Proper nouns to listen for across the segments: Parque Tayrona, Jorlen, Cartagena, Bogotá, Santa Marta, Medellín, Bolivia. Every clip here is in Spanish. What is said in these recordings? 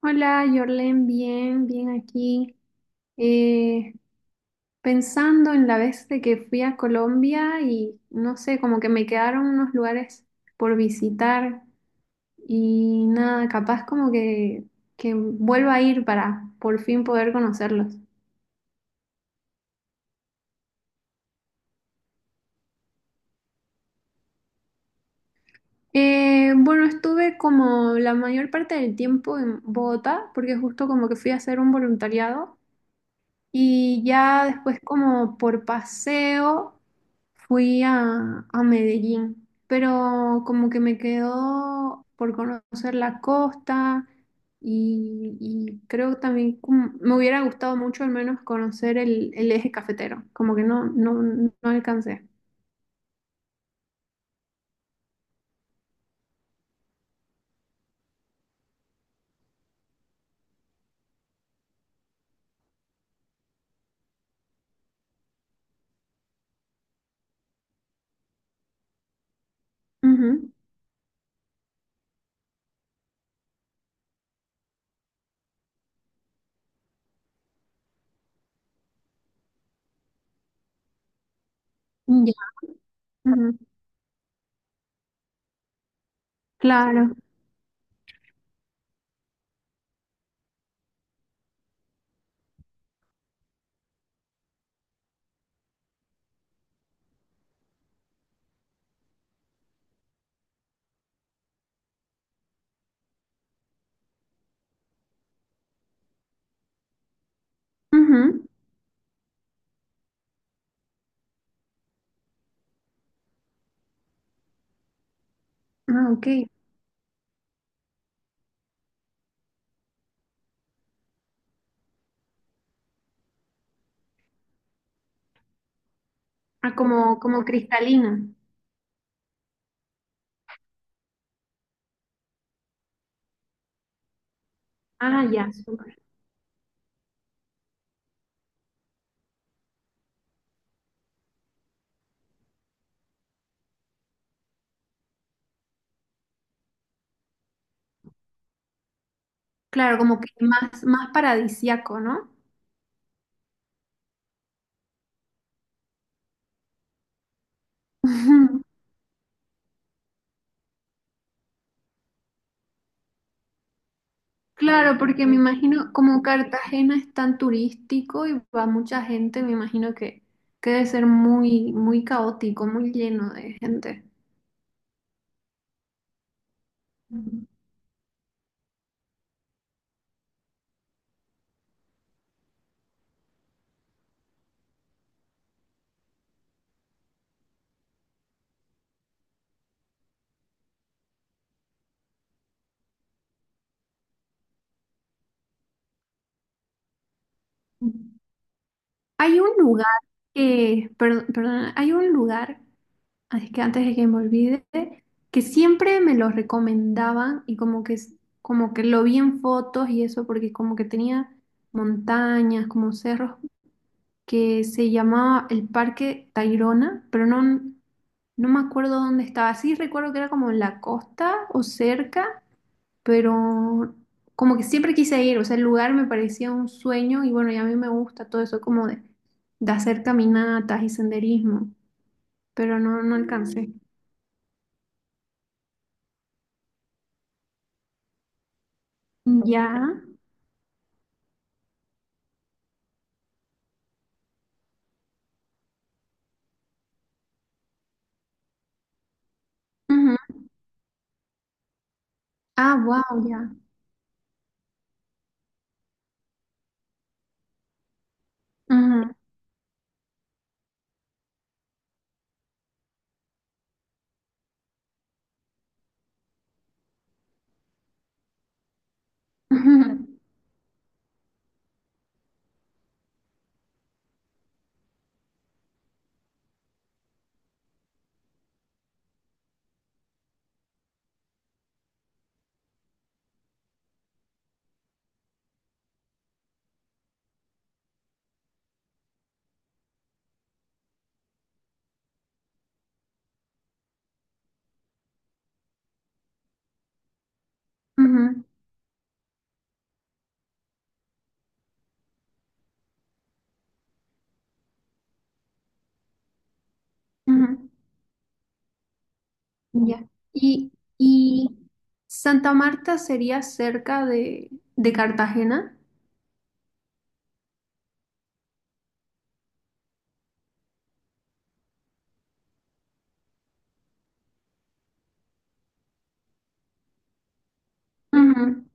Hola, Jorlen, bien aquí. Eh, Pensando en la vez de que fui a Colombia y no sé, como que me quedaron unos lugares por visitar y nada, capaz que vuelva a ir para por fin poder conocerlos. Bueno, estuve como la mayor parte del tiempo en Bogotá porque justo como que fui a hacer un voluntariado. Y ya después como por paseo fui a Medellín, pero como que me quedó por conocer la costa y creo también me hubiera gustado mucho al menos conocer el eje cafetero, como que no alcancé. Ujú. Ya, ujú, claro. Ujú. Ah, ok. Ah, como, como cristalino. Ah, ya, súper. Claro, como que más paradisíaco, ¿no? Claro, porque me imagino, como Cartagena es tan turístico y va mucha gente, me imagino que debe ser muy caótico, muy lleno de gente. Hay un lugar que, perdón, hay un lugar, es que antes de que me olvide, que siempre me lo recomendaban y como que lo vi en fotos y eso, porque como que tenía montañas, como cerros, que se llamaba el Parque Tayrona, pero no me acuerdo dónde estaba. Sí recuerdo que era como en la costa o cerca, pero como que siempre quise ir, o sea, el lugar me parecía un sueño y bueno, y a mí me gusta todo eso como de hacer caminatas y senderismo, pero no alcancé. Ya. Ujú. Ah, wow, ya. Ujú. Ujú. Ujú. Ujú. Ya. Y Santa Marta sería cerca de Cartagena. Ujú.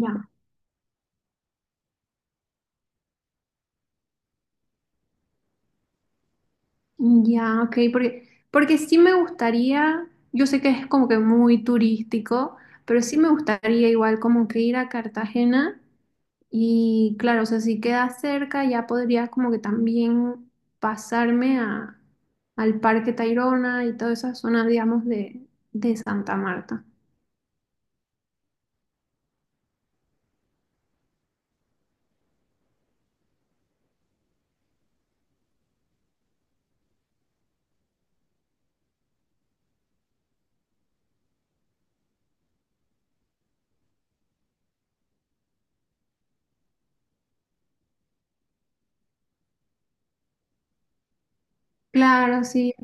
Ya, ya, ok, porque, porque sí me gustaría, yo sé que es como que muy turístico, pero sí me gustaría igual como que ir a Cartagena y claro, o sea, si queda cerca ya podría como que también pasarme al Parque Tayrona y toda esa zona, digamos, de Santa Marta. Claro, sí.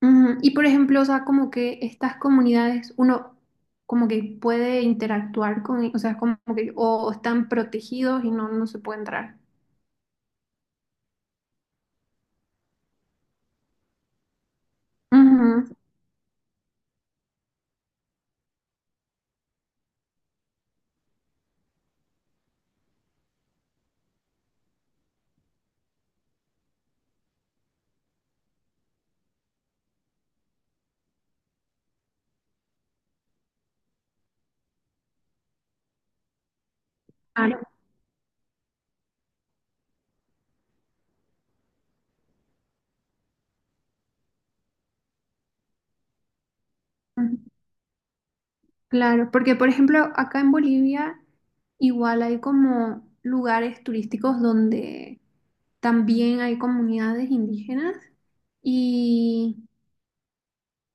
Ujú. Y por ejemplo, o sea, como que estas comunidades, uno como que puede interactuar o sea, como que o están protegidos y no se puede entrar. Ujú, claro, ujú, claro, porque por ejemplo, acá en Bolivia igual hay como lugares turísticos donde también hay comunidades indígenas.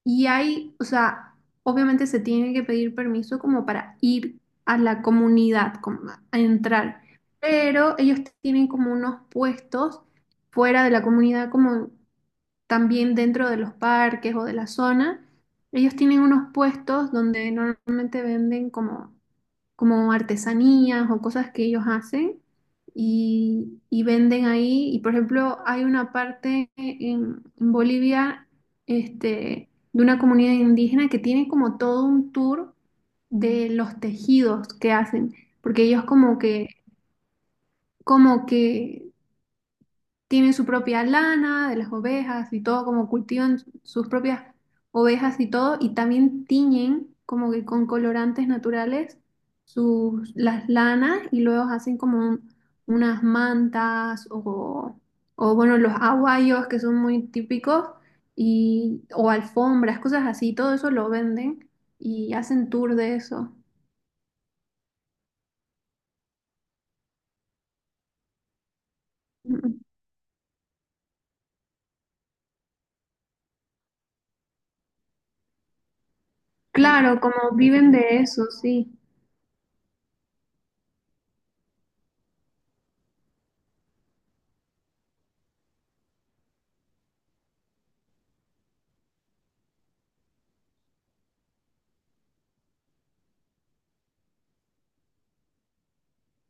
Y hay, o sea, obviamente se tiene que pedir permiso como para ir a la comunidad, como a entrar, pero ellos tienen como unos puestos fuera de la comunidad, como también dentro de los parques o de la zona. Ellos tienen unos puestos donde normalmente venden como artesanías o cosas que ellos hacen y venden ahí. Y por ejemplo, hay una parte en Bolivia, este, de una comunidad indígena que tiene como todo un tour de los tejidos que hacen, porque ellos como que tienen su propia lana de las ovejas y todo, como cultivan sus propias ovejas y todo, y también tiñen como que con colorantes naturales sus, las lanas y luego hacen unas mantas o bueno, los aguayos que son muy típicos y, o alfombras, cosas así, todo eso lo venden y hacen tour de eso. Mm. Claro, como viven de eso, sí.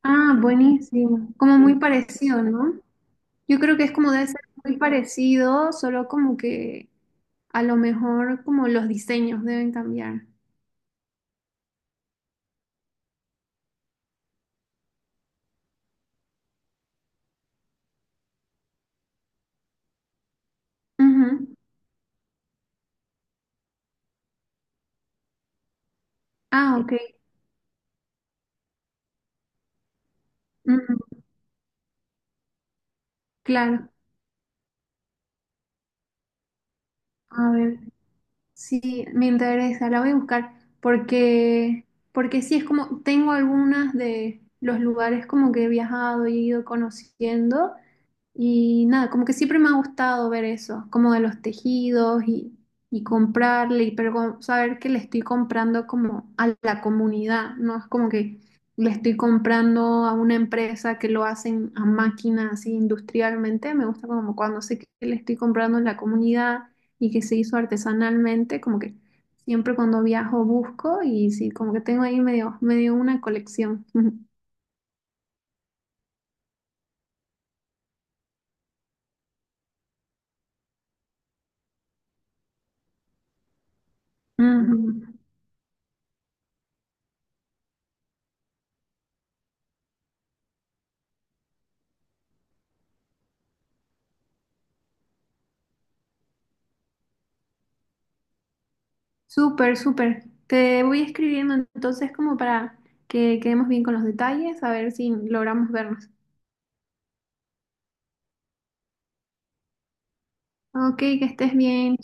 Ah, buenísimo. Como muy parecido, ¿no? Yo creo que es como debe ser muy parecido, solo como que a lo mejor como los diseños deben cambiar. Ujú. Ah, ok. Ujú. Claro. A ver, sí, me interesa, la voy a buscar porque, porque sí es como, tengo algunas de los lugares como que he viajado y he ido conociendo. Y nada, como que siempre me ha gustado ver eso, como de los tejidos y comprarle, pero como saber que le estoy comprando como a la comunidad, no es como que le estoy comprando a una empresa que lo hacen a máquina así industrialmente, me gusta como cuando sé que le estoy comprando a la comunidad y que se hizo artesanalmente, como que siempre cuando viajo busco y sí, como que tengo ahí medio una colección. Ujú. Súper, súper. Te voy escribiendo entonces como para que quedemos bien con los detalles, a ver si logramos vernos. Ok, que estés bien.